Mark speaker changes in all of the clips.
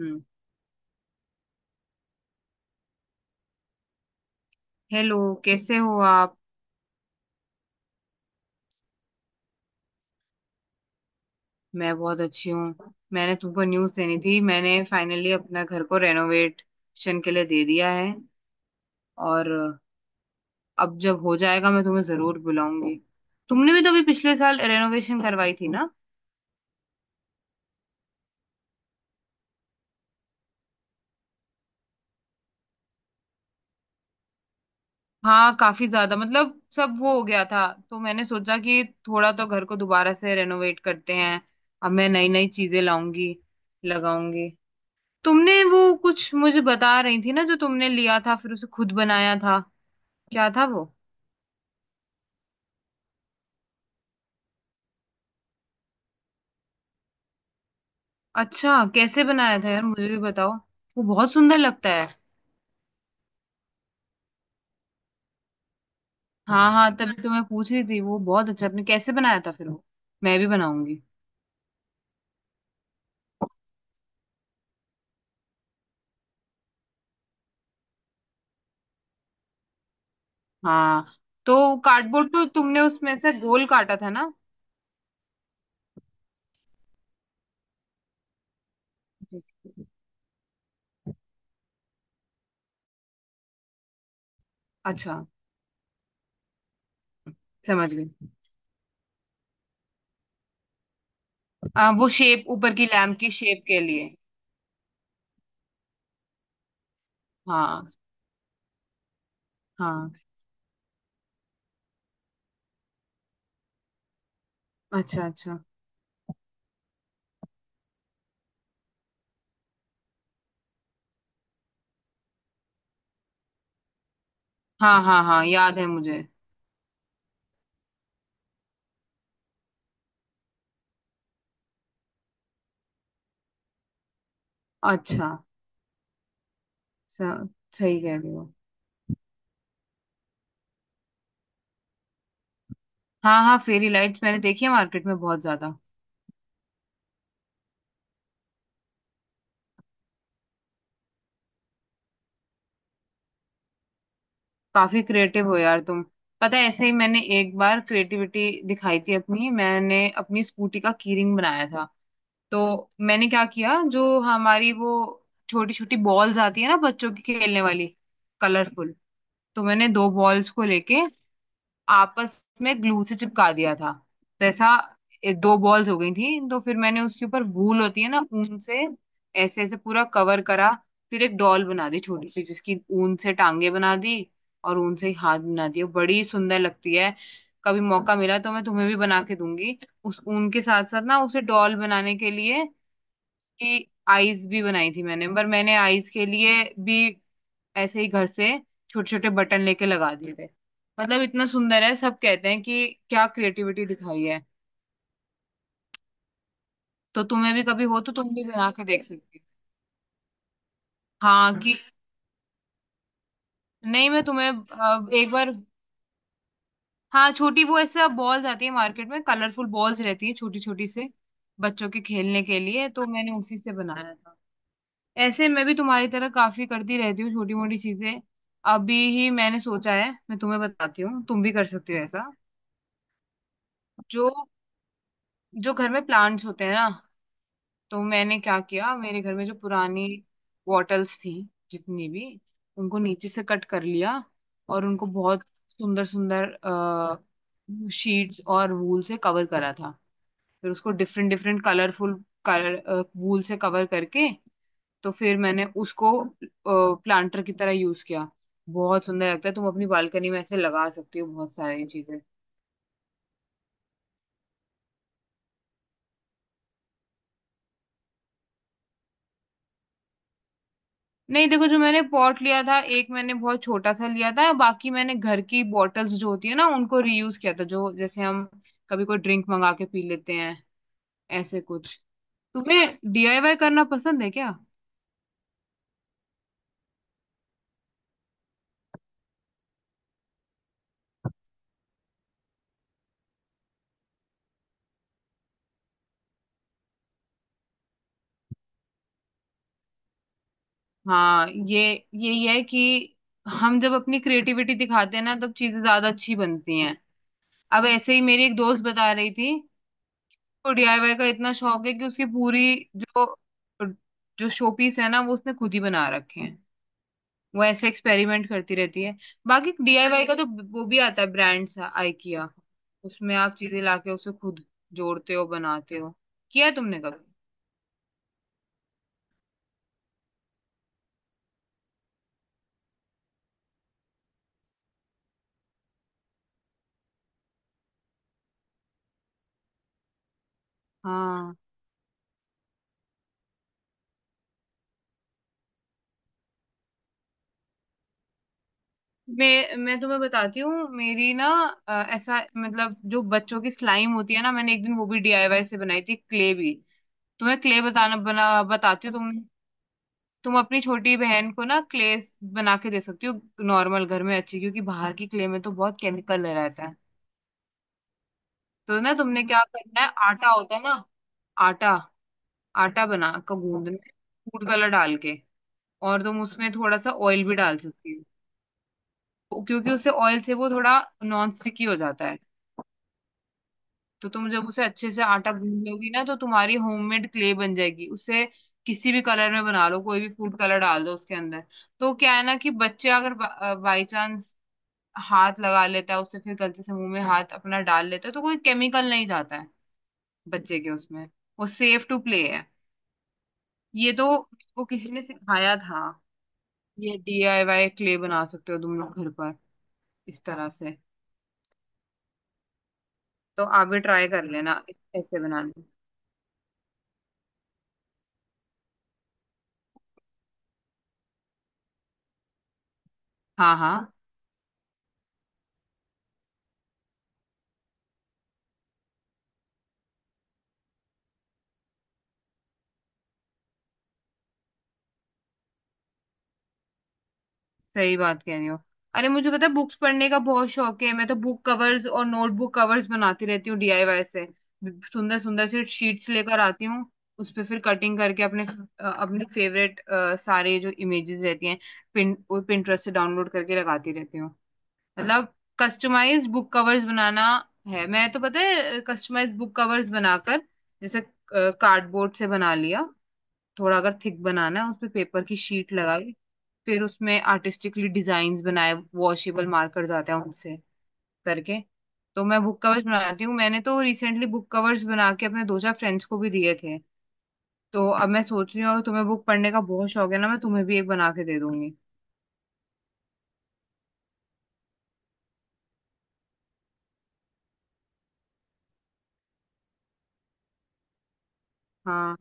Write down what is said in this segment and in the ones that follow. Speaker 1: हम्म। Hello. कैसे हो आप? मैं बहुत अच्छी हूँ, मैंने तुमको न्यूज़ देनी थी। मैंने फाइनली अपना घर को रेनोवेशन के लिए दे दिया है, और अब जब हो जाएगा मैं तुम्हें जरूर बुलाऊंगी। तुमने भी तो अभी पिछले साल रेनोवेशन करवाई थी ना। हाँ, काफी ज्यादा, मतलब सब वो हो गया था तो मैंने सोचा कि थोड़ा तो घर को दोबारा से रेनोवेट करते हैं। अब मैं नई नई चीजें लाऊंगी, लगाऊंगी। तुमने वो कुछ मुझे बता रही थी ना जो तुमने लिया था फिर उसे खुद बनाया था, क्या था वो? अच्छा, कैसे बनाया था यार मुझे भी बताओ, वो बहुत सुंदर लगता है। हाँ हाँ, तभी तो मैं पूछ रही थी, वो बहुत अच्छा, आपने कैसे बनाया था फिर वो? मैं भी बनाऊंगी। हाँ, तो कार्डबोर्ड तो तुमने उसमें से गोल काटा था ना? जिसकी- अच्छा, समझ गई। वो शेप ऊपर की लैम्प की शेप के लिए? हाँ हाँ। अच्छा अच्छा। हाँ हाँ हाँ, याद है मुझे। अच्छा। स- सही कह रहे हो। हाँ हाँ, फेरी लाइट्स मैंने देखी है मार्केट में बहुत ज्यादा। काफी क्रिएटिव हो यार तुम। पता है, ऐसे ही मैंने एक बार क्रिएटिविटी दिखाई थी अपनी, मैंने अपनी स्कूटी का कीरिंग बनाया था। तो मैंने क्या किया, जो हमारी वो छोटी छोटी बॉल्स आती है ना बच्चों की खेलने वाली, कलरफुल। तो मैंने दो बॉल्स को लेके आपस में ग्लू से चिपका दिया था। तो ऐसा एक दो बॉल्स हो गई थी, तो फिर मैंने उसके ऊपर वूल होती है ना, ऊन से ऐसे ऐसे पूरा कवर करा। फिर एक डॉल बना दी छोटी सी, जिसकी ऊन से टांगे बना दी, और ऊन से ही हाथ बना दिए, बड़ी सुंदर लगती है। कभी मौका मिला तो मैं तुम्हें भी बना के दूंगी। उस ऊन के साथ साथ ना उसे डॉल बनाने के लिए कि आईज भी बनाई थी मैंने, पर मैंने आईज के लिए भी ऐसे ही घर से छोटे छोटे बटन लेके लगा दिए थे। मतलब इतना सुंदर है, सब कहते हैं कि क्या क्रिएटिविटी दिखाई है। तो तुम्हें भी कभी हो तो तुम भी बना के देख सकती हो। हाँ कि नहीं, मैं तुम्हें अब एक बार, हाँ छोटी, वो ऐसे बॉल्स आती है मार्केट में, कलरफुल बॉल्स रहती है छोटी छोटी से बच्चों के खेलने के लिए, तो मैंने उसी से बनाया था। ऐसे मैं भी तुम्हारी तरह काफी करती रहती हूँ छोटी मोटी चीजें। अभी ही मैंने सोचा है मैं तुम्हें बताती हूँ, तुम भी कर सकती हो ऐसा। जो जो घर में प्लांट्स होते हैं ना, तो मैंने क्या किया, मेरे घर में जो पुरानी बॉटल्स थी, जितनी भी, उनको नीचे से कट कर लिया और उनको बहुत सुंदर सुंदर शीट्स और वूल से कवर करा था। फिर उसको different different colourful colour wool से कवर करके, तो फिर मैंने उसको प्लांटर की तरह यूज किया। बहुत सुंदर लगता है, तुम अपनी बालकनी में ऐसे लगा सकती हो बहुत सारी चीजें। नहीं देखो, जो मैंने पॉट लिया था एक, मैंने बहुत छोटा सा लिया था, बाकी मैंने घर की बॉटल्स जो होती है ना उनको रीयूज किया था, जो जैसे हम कभी कोई ड्रिंक मंगा के पी लेते हैं, ऐसे कुछ। तुम्हें डीआईवाई करना पसंद है क्या? हाँ ये, यही है कि हम जब अपनी क्रिएटिविटी दिखाते हैं ना तब चीजें ज्यादा अच्छी बनती हैं। अब ऐसे ही मेरी एक दोस्त बता रही थी तो डीआईवाई का इतना शौक है कि उसकी पूरी जो जो शोपीस है ना, वो उसने खुद ही बना रखे हैं। वो ऐसे एक्सपेरिमेंट करती रहती है। बाकी डीआईवाई का तो वो भी आता है ब्रांड सा, आइकिया, उसमें आप चीजें लाके उसे खुद जोड़ते हो, बनाते हो। किया है तुमने कभी? हाँ। मैं तुम्हें बताती हूँ, मेरी ना ऐसा मतलब, जो बच्चों की स्लाइम होती है ना, मैंने एक दिन वो भी डीआईवाई से बनाई थी, क्ले भी। तुम्हें क्ले बताना बना बताती हूँ, तुम अपनी छोटी बहन को ना क्ले बना के दे सकती हो, नॉर्मल घर में अच्छी, क्योंकि बाहर की क्ले में तो बहुत केमिकल रहता है। तो ना तुमने क्या करना है, आटा होता है ना, आटा, आटा बना का गूंदना है, फूड कलर डाल के। और तुम उसमें थोड़ा सा ऑयल भी डाल सकती हो, क्योंकि उससे ऑयल से वो थोड़ा नॉन स्टिकी हो जाता है। तो तुम जब उसे अच्छे से आटा गूंद लोगी ना, तो तुम्हारी होममेड क्ले बन जाएगी। उसे किसी भी कलर में बना लो, कोई भी फूड कलर डाल दो उसके अंदर। तो क्या है ना कि बच्चे अगर बाई चांस हाथ लगा लेता है उससे, फिर गलती से मुंह में हाथ अपना डाल लेता है, तो कोई केमिकल नहीं जाता है बच्चे के उसमें, वो सेफ टू प्ले है। ये तो वो किसी ने सिखाया था, ये डीआईवाई क्ले बना सकते हो तुम लोग घर पर इस तरह से। तो आप भी ट्राई कर लेना ऐसे बनाने। हाँ हाँ, सही बात कह रही हो। अरे मुझे पता है, बुक्स पढ़ने का बहुत शौक है, मैं तो बुक कवर्स और नोटबुक कवर्स बनाती रहती हूँ डीआईवाई से। सुंदर सुंदर सी शीट्स लेकर आती हूँ, उस पे फिर कटिंग करके अपने अपने फेवरेट सारे जो इमेजेस रहती हैं पिन पिंटरेस्ट से डाउनलोड करके लगाती रहती हूँ। मतलब कस्टमाइज बुक कवर्स बनाना है, मैं तो पता है कस्टमाइज बुक कवर्स बनाकर, जैसे कार्डबोर्ड से बना लिया, थोड़ा अगर थिक बनाना है उस पे पेपर की शीट लगाई, फिर उसमें आर्टिस्टिकली डिजाइन्स बनाए वॉशेबल मार्कर्स आते हैं उनसे करके। तो मैं बुक कवर्स बनाती हूँ, मैंने तो रिसेंटली बुक कवर्स बना के अपने दो चार फ्रेंड्स को भी दिए थे। तो अब मैं सोच रही हूँ तुम्हें बुक पढ़ने का बहुत शौक है ना, मैं तुम्हें भी एक बना के दे दूंगी। हाँ।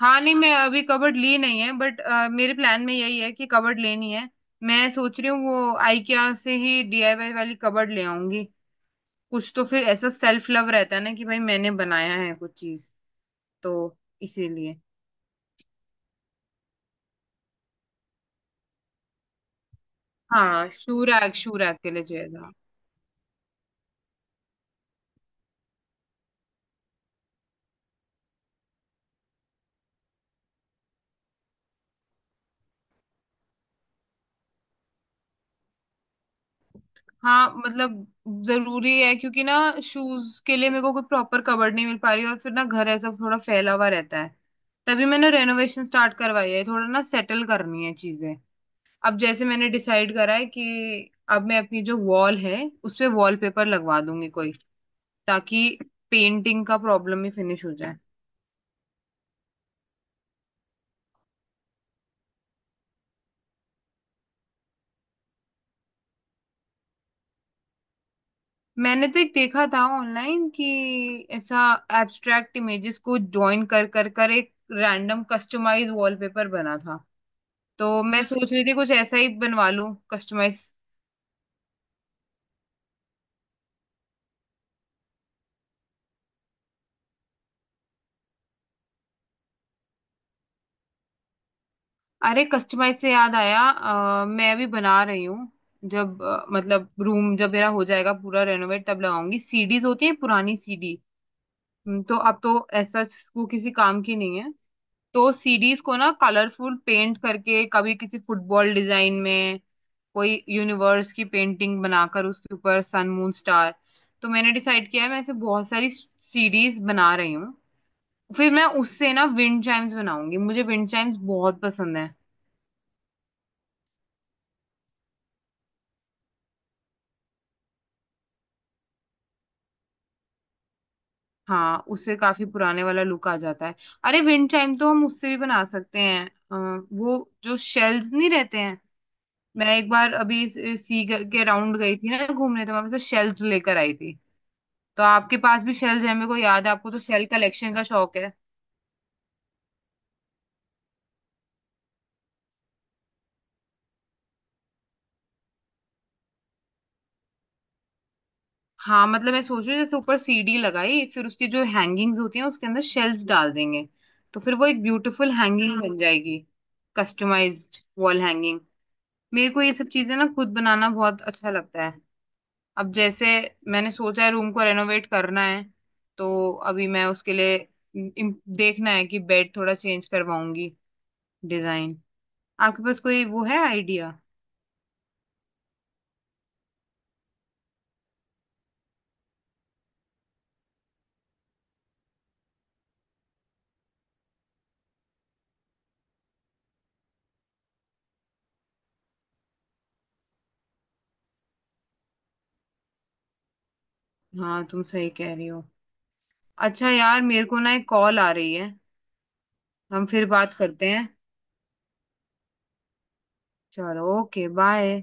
Speaker 1: हाँ नहीं, मैं अभी कबर्ड ली नहीं है, बट मेरे प्लान में यही है कि कबर्ड लेनी है। मैं सोच रही हूँ वो आइकिया से ही डीआईवाई वाली कबर्ड ले आऊंगी। कुछ तो फिर ऐसा सेल्फ लव रहता है ना कि भाई मैंने बनाया है कुछ चीज, तो इसीलिए। हाँ, शू रैक, शू रैक के लिए चाहिए था। हाँ मतलब जरूरी है, क्योंकि ना शूज के लिए मेरे को कोई प्रॉपर कबर्ड नहीं मिल पा रही, और फिर ना घर ऐसा थोड़ा फैला हुआ रहता है। तभी मैंने रेनोवेशन स्टार्ट करवाई है, थोड़ा ना सेटल करनी है चीजें। अब जैसे मैंने डिसाइड करा है कि अब मैं अपनी जो वॉल है उसपे वॉलपेपर लगवा दूंगी कोई, ताकि पेंटिंग का प्रॉब्लम ही फिनिश हो जाए। मैंने तो एक देखा था ऑनलाइन कि ऐसा एब्स्ट्रैक्ट इमेजेस को ज्वाइन कर कर कर एक रैंडम कस्टमाइज वॉलपेपर बना था। तो मैं सोच रही थी कुछ ऐसा ही बनवा लूं कस्टमाइज। अरे कस्टमाइज से याद आया, मैं अभी बना रही हूँ, जब मतलब रूम जब मेरा हो जाएगा पूरा रेनोवेट तब लगाऊंगी, सीडीज होती है पुरानी सीडी। तो अब तो ऐसा वो किसी काम की नहीं है। तो सीडीज को ना कलरफुल पेंट करके, कभी किसी फुटबॉल डिजाइन में, कोई यूनिवर्स की पेंटिंग बनाकर उसके ऊपर सन मून स्टार, तो मैंने डिसाइड किया है मैं ऐसे बहुत सारी सीडीज बना रही हूँ। फिर मैं उससे ना विंड चाइम्स बनाऊंगी, मुझे विंड चाइम्स बहुत पसंद है। हाँ, उससे काफी पुराने वाला लुक आ जाता है। अरे विंड चाइम तो हम उससे भी बना सकते हैं, अ, वो जो शेल्स नहीं रहते हैं। मैं एक बार अभी सी के राउंड गई थी ना घूमने, तो मैं वैसे शेल्स लेकर आई थी। तो आपके पास भी शेल्स है, मेरे को याद है आपको तो शेल कलेक्शन का शौक है। हाँ मतलब मैं सोच रही हूँ जैसे ऊपर सीढ़ी लगाई फिर उसकी जो हैंगिंग्स होती हैं उसके अंदर शेल्स डाल देंगे, तो फिर वो एक ब्यूटीफुल हैंगिंग बन जाएगी, कस्टमाइज्ड वॉल हैंगिंग। मेरे को ये सब चीजें ना खुद बनाना बहुत अच्छा लगता है। अब जैसे मैंने सोचा है रूम को रेनोवेट करना है, तो अभी मैं उसके लिए देखना है कि बेड थोड़ा चेंज करवाऊंगी, डिजाइन। आपके पास कोई वो है आइडिया? हाँ तुम सही कह रही हो। अच्छा यार, मेरे को ना एक कॉल आ रही है, हम फिर बात करते हैं। चलो ओके, बाय।